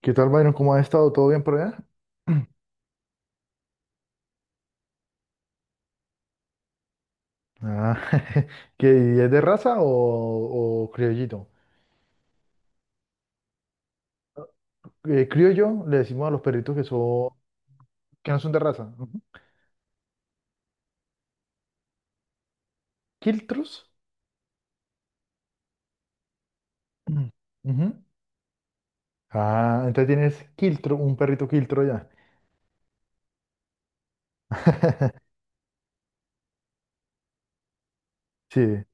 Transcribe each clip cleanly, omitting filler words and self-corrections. ¿Qué tal, Byron? ¿Cómo has estado? ¿Todo bien por allá? Ah, ¿Qué, es de raza o criollito? Criollo le decimos a los perritos que son, que no son de raza. Ujú. ¿Quiltros? Mm. Ujú. Ah, entonces tienes quiltro, un perrito quiltro ya. Sí.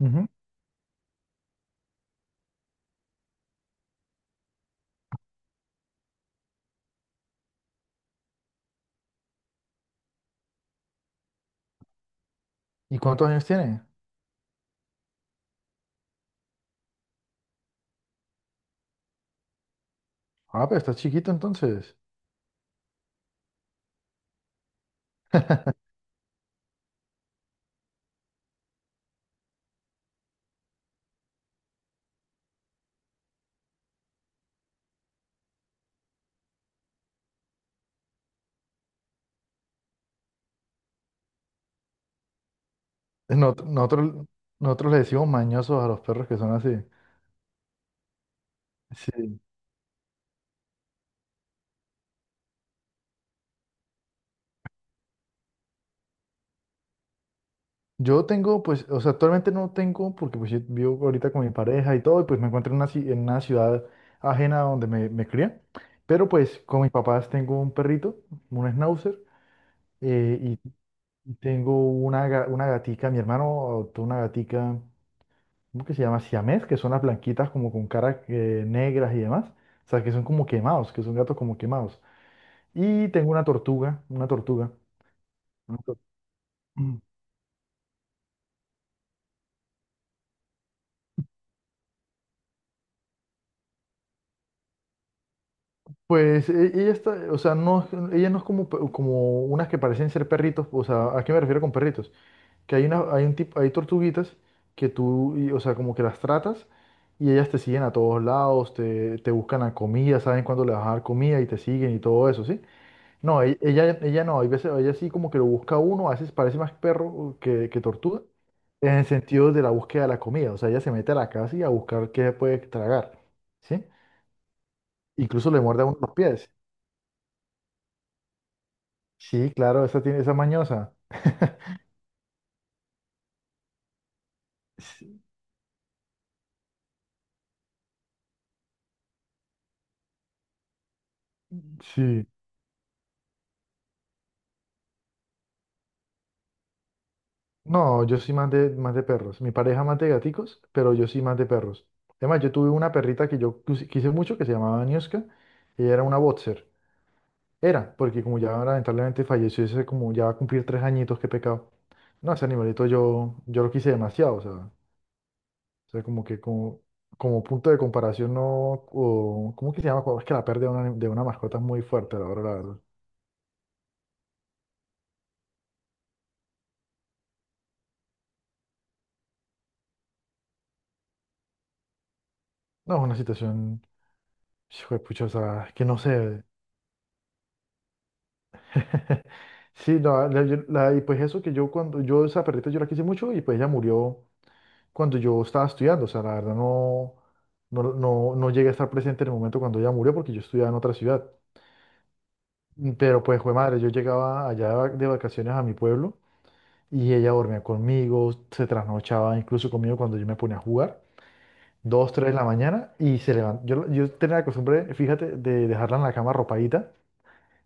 Ujú. ¿Y cuántos años tiene? Ah, pero estás chiquito entonces. Nosotros, nosotros, nosotros le decimos mañosos a los perros que son así. Sí. Yo tengo, pues, o sea, actualmente no tengo, porque pues yo vivo ahorita con mi pareja y todo, y pues me encuentro en en una ciudad ajena a donde me crié, pero pues con mis papás tengo un perrito, un schnauzer, eh, y y tengo una gatica, mi hermano adoptó una gatica, ¿cómo que se llama? Siamés, que son las blanquitas como con caras negras y demás, o sea, que son como quemados, que son gatos como quemados. Y tengo una tortuga, una tortuga. Una tortuga. Pues ella está, o sea, no, ella no es como unas que parecen ser perritos, o sea, ¿a qué me refiero con perritos? Que hay un tipo, hay tortuguitas que tú, o sea, como que las tratas y ellas te siguen a todos lados, te buscan la comida, saben cuándo le vas a dar comida y te siguen y todo eso, ¿sí? No, ella no, hay veces, ella sí como que lo busca a uno, a veces parece más perro que tortuga, en el sentido de la búsqueda de la comida, o sea, ella se mete a la casa y a buscar qué puede tragar, ¿sí? Incluso le muerde a uno los pies. Sí, claro, esa tiene esa mañosa. Sí. No, yo soy más de perros. Mi pareja más de gaticos, pero yo sí más de perros. Además, yo tuve una perrita que yo quise mucho, que se llamaba Niuska. Ella era una boxer. Era, porque como ya lamentablemente falleció, ese como ya va a cumplir 3 añitos, qué pecado. No, ese animalito yo lo quise demasiado, o sea, como que como punto de comparación, no, o, ¿cómo que se llama? Cuando Es que la pérdida de una mascota es muy fuerte, la verdad, la verdad. No, es una situación. Hijo de pucha, o sea, que no sé. Sí, y pues eso que yo cuando yo esa perrita yo la quise mucho y pues ella murió cuando yo estaba estudiando, o sea, la verdad no llegué a estar presente en el momento cuando ella murió porque yo estudiaba en otra ciudad. Mm. Pero pues, fue madre, yo llegaba allá de vacaciones a mi pueblo y ella dormía conmigo, se trasnochaba incluso conmigo cuando yo me ponía a jugar, 2, 3 de la mañana y se levantaba. Yo tenía la costumbre, fíjate, de dejarla en la cama arropadita.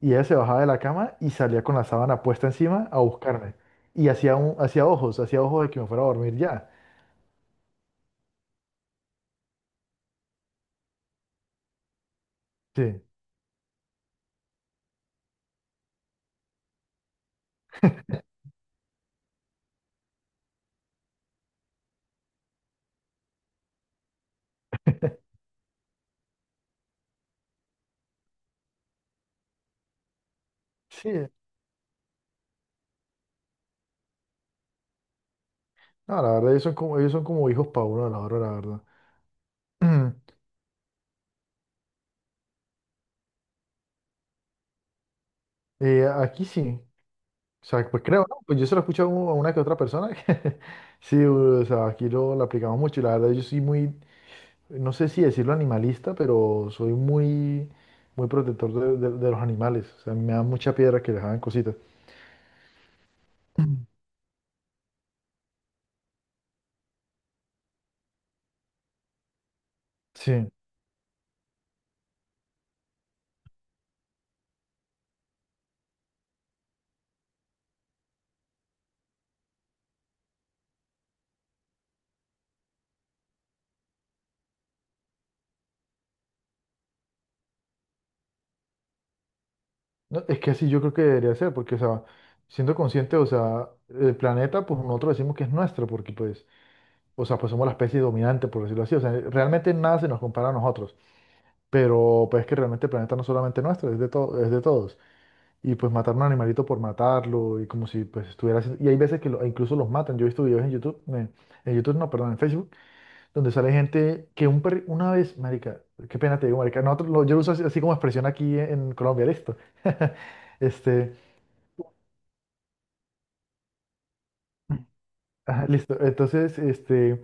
Y ella se bajaba de la cama y salía con la sábana puesta encima a buscarme. Y hacía ojos de que me fuera a dormir ya. Sí, sí. No, la verdad, ellos son como hijos para uno de la hora, la verdad. Aquí sí. O sea, pues creo, ¿no? Pues yo se lo he escuchado a una que otra persona. Que Sí, o sea, aquí lo aplicamos mucho. Y la verdad, yo soy muy, no sé si decirlo animalista, pero soy muy, muy protector de los animales. O sea, me da mucha piedra que les hagan cositas. Sí. No, es que así yo creo que debería ser, porque, o sea, siendo consciente, o sea, el planeta, pues nosotros decimos que es nuestro, porque, pues, o sea, pues somos la especie dominante, por decirlo así, o sea, realmente nada se nos compara a nosotros, pero, pues, es que realmente el planeta no es solamente nuestro, es de todo, es de todos, y, pues, matar un animalito por matarlo, y como si, pues, estuviera haciendo, y hay veces que lo, e incluso los matan, yo he visto videos en YouTube, no, perdón, en Facebook, donde sale gente que una vez, marica, qué pena te digo, marica, yo lo uso así, así como expresión aquí en Colombia, listo, este. Ajá, listo. Entonces, este,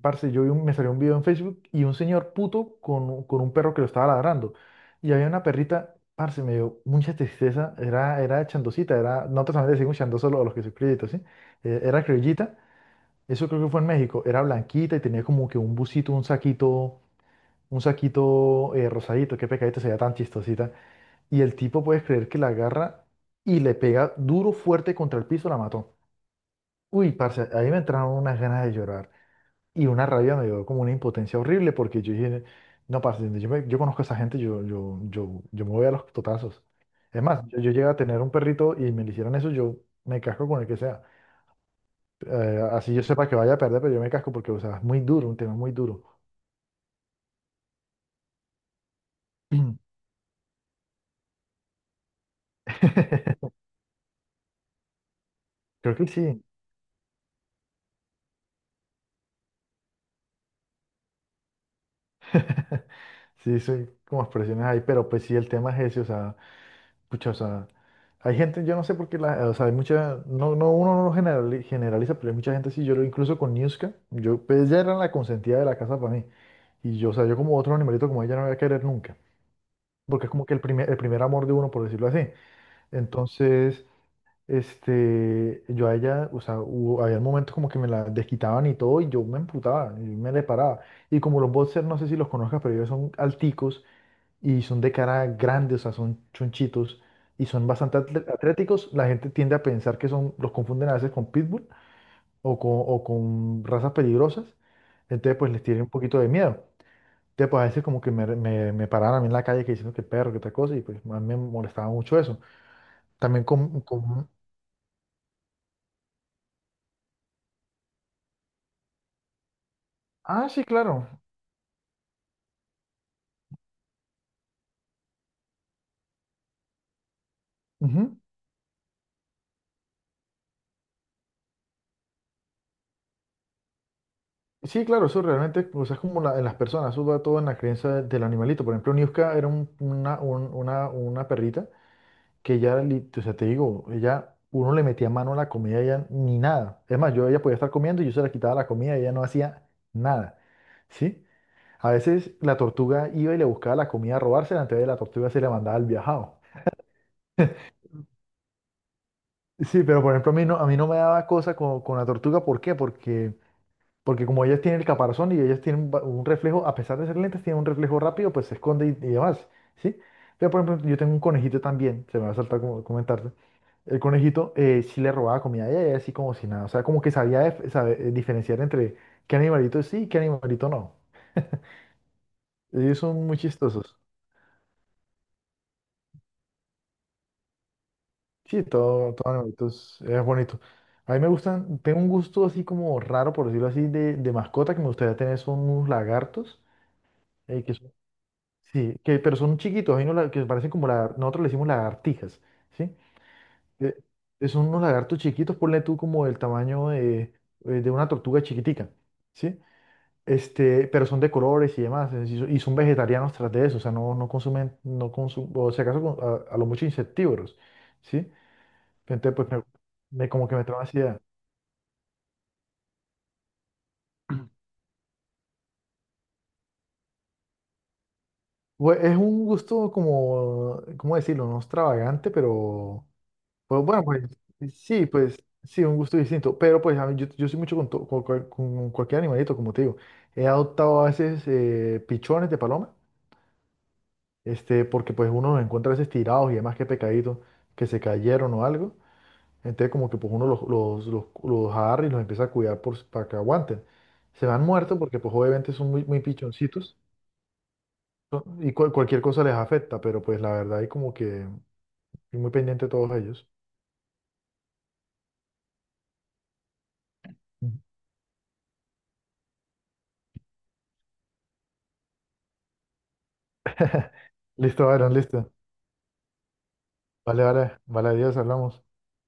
parce, yo vi me salió un video en Facebook y un señor puto con un perro que lo estaba ladrando. Y había una perrita, parce, me dio mucha tristeza. Era chandosita, nosotros también le decimos chandoso a los que son criollitos, ¿sí? Era criollita, eso creo que fue en México. Era blanquita y tenía como que un busito, un saquito rosadito. Qué pecadito, se veía tan chistosita. Y el tipo, puedes creer que la agarra y le pega duro, fuerte contra el piso, la mató. Uy, parce, ahí me entraron unas ganas de llorar. Y una rabia me dio como una impotencia horrible porque yo dije, no, parce, yo conozco a esa gente, yo me voy a los totazos. Es más, yo llegué a tener un perrito y me le hicieran eso, yo me casco con el que sea. Así yo sepa que vaya a perder, pero yo me casco porque, o sea, es muy duro, un tema muy duro. Creo que sí. Sí, soy como expresiones ahí, pero pues sí, el tema es ese, o sea. Pucha, o sea, hay gente, yo no sé por qué, o sea, hay mucha, no, no, uno no lo generaliza, pero hay mucha gente, sí, yo lo incluso con Niuska, yo, pues ella era la consentida de la casa para mí, y yo, o sea, yo como otro animalito como ella no voy a querer nunca, porque es como que el primer amor de uno, por decirlo así, entonces, este, yo a ella, o sea, había momentos como que me la desquitaban y todo, y yo me emputaba, y me le paraba, y como los boxers, no sé si los conozcas, pero ellos son alticos, y son de cara grande, o sea, son chonchitos y son bastante atléticos. La gente tiende a pensar los confunden a veces con pitbull o o con razas peligrosas. Entonces, pues les tiene un poquito de miedo. Entonces, pues a veces como que me paraban a mí en la calle que diciendo que perro, que tal cosa, y pues a mí me molestaba mucho eso. También con, con. Ah, sí, claro. Ujú. Sí, claro, eso realmente, o sea, es como en las personas, eso va todo en la creencia del animalito. Por ejemplo, Niuska era una perrita que ya, o sea, te digo, ella, uno le metía mano a la comida, ella ni nada. Es más, yo, ella podía estar comiendo y yo se la quitaba la comida, ella no hacía nada, ¿sí? A veces la tortuga iba y le buscaba la comida a robársela, entonces la tortuga se le mandaba al viajado. Sí, pero por ejemplo, a mí no me daba cosa con la tortuga, ¿por qué? Porque como ellas tienen el caparazón y ellas tienen un reflejo, a pesar de ser lentas, tienen un reflejo rápido, pues se esconde y demás, ¿sí? Pero por ejemplo, yo tengo un conejito también, se me va a saltar como comentarte. El conejito sí le robaba comida a ella, y ella así como si nada. O sea, como que sabía diferenciar entre qué animalito sí y qué animalito no. Ellos son muy chistosos. Sí, todo, todo animalito es bonito. A mí me gustan, tengo un gusto así como raro, por decirlo así, de mascota que me gustaría tener son unos lagartos. eh, que son- sí, pero son chiquitos, hay unos que parecen como nosotros le decimos lagartijas, ¿sí? Eh, Son unos lagartos chiquitos, ponle tú como el tamaño de una tortuga chiquitica, ¿sí? Este, pero son de colores y demás, es decir, y son vegetarianos tras de eso, o sea, no, no consumen, no consumen, o si acaso a lo mucho insectívoros, ¿sí? Entonces, pues, como que me trae ansiedad. Pues, es un gusto como, ¿cómo decirlo? No extravagante, pero, pues, bueno, pues, sí, un gusto distinto, pero, pues, yo soy mucho con cualquier animalito, como te digo. He adoptado a veces pichones de paloma, este, porque, pues, uno los encuentra a veces tirados y demás que pecadito, que se cayeron o algo. Entonces como que pues uno los agarra y los empieza a cuidar para que aguanten. Se van muertos porque pues obviamente son muy, muy pichoncitos y cualquier cosa les afecta, pero pues la verdad hay como que estoy muy pendiente de todos ellos. Ujú. Listo, Aaron, listo. Vale, vale, vale, adiós, hablamos.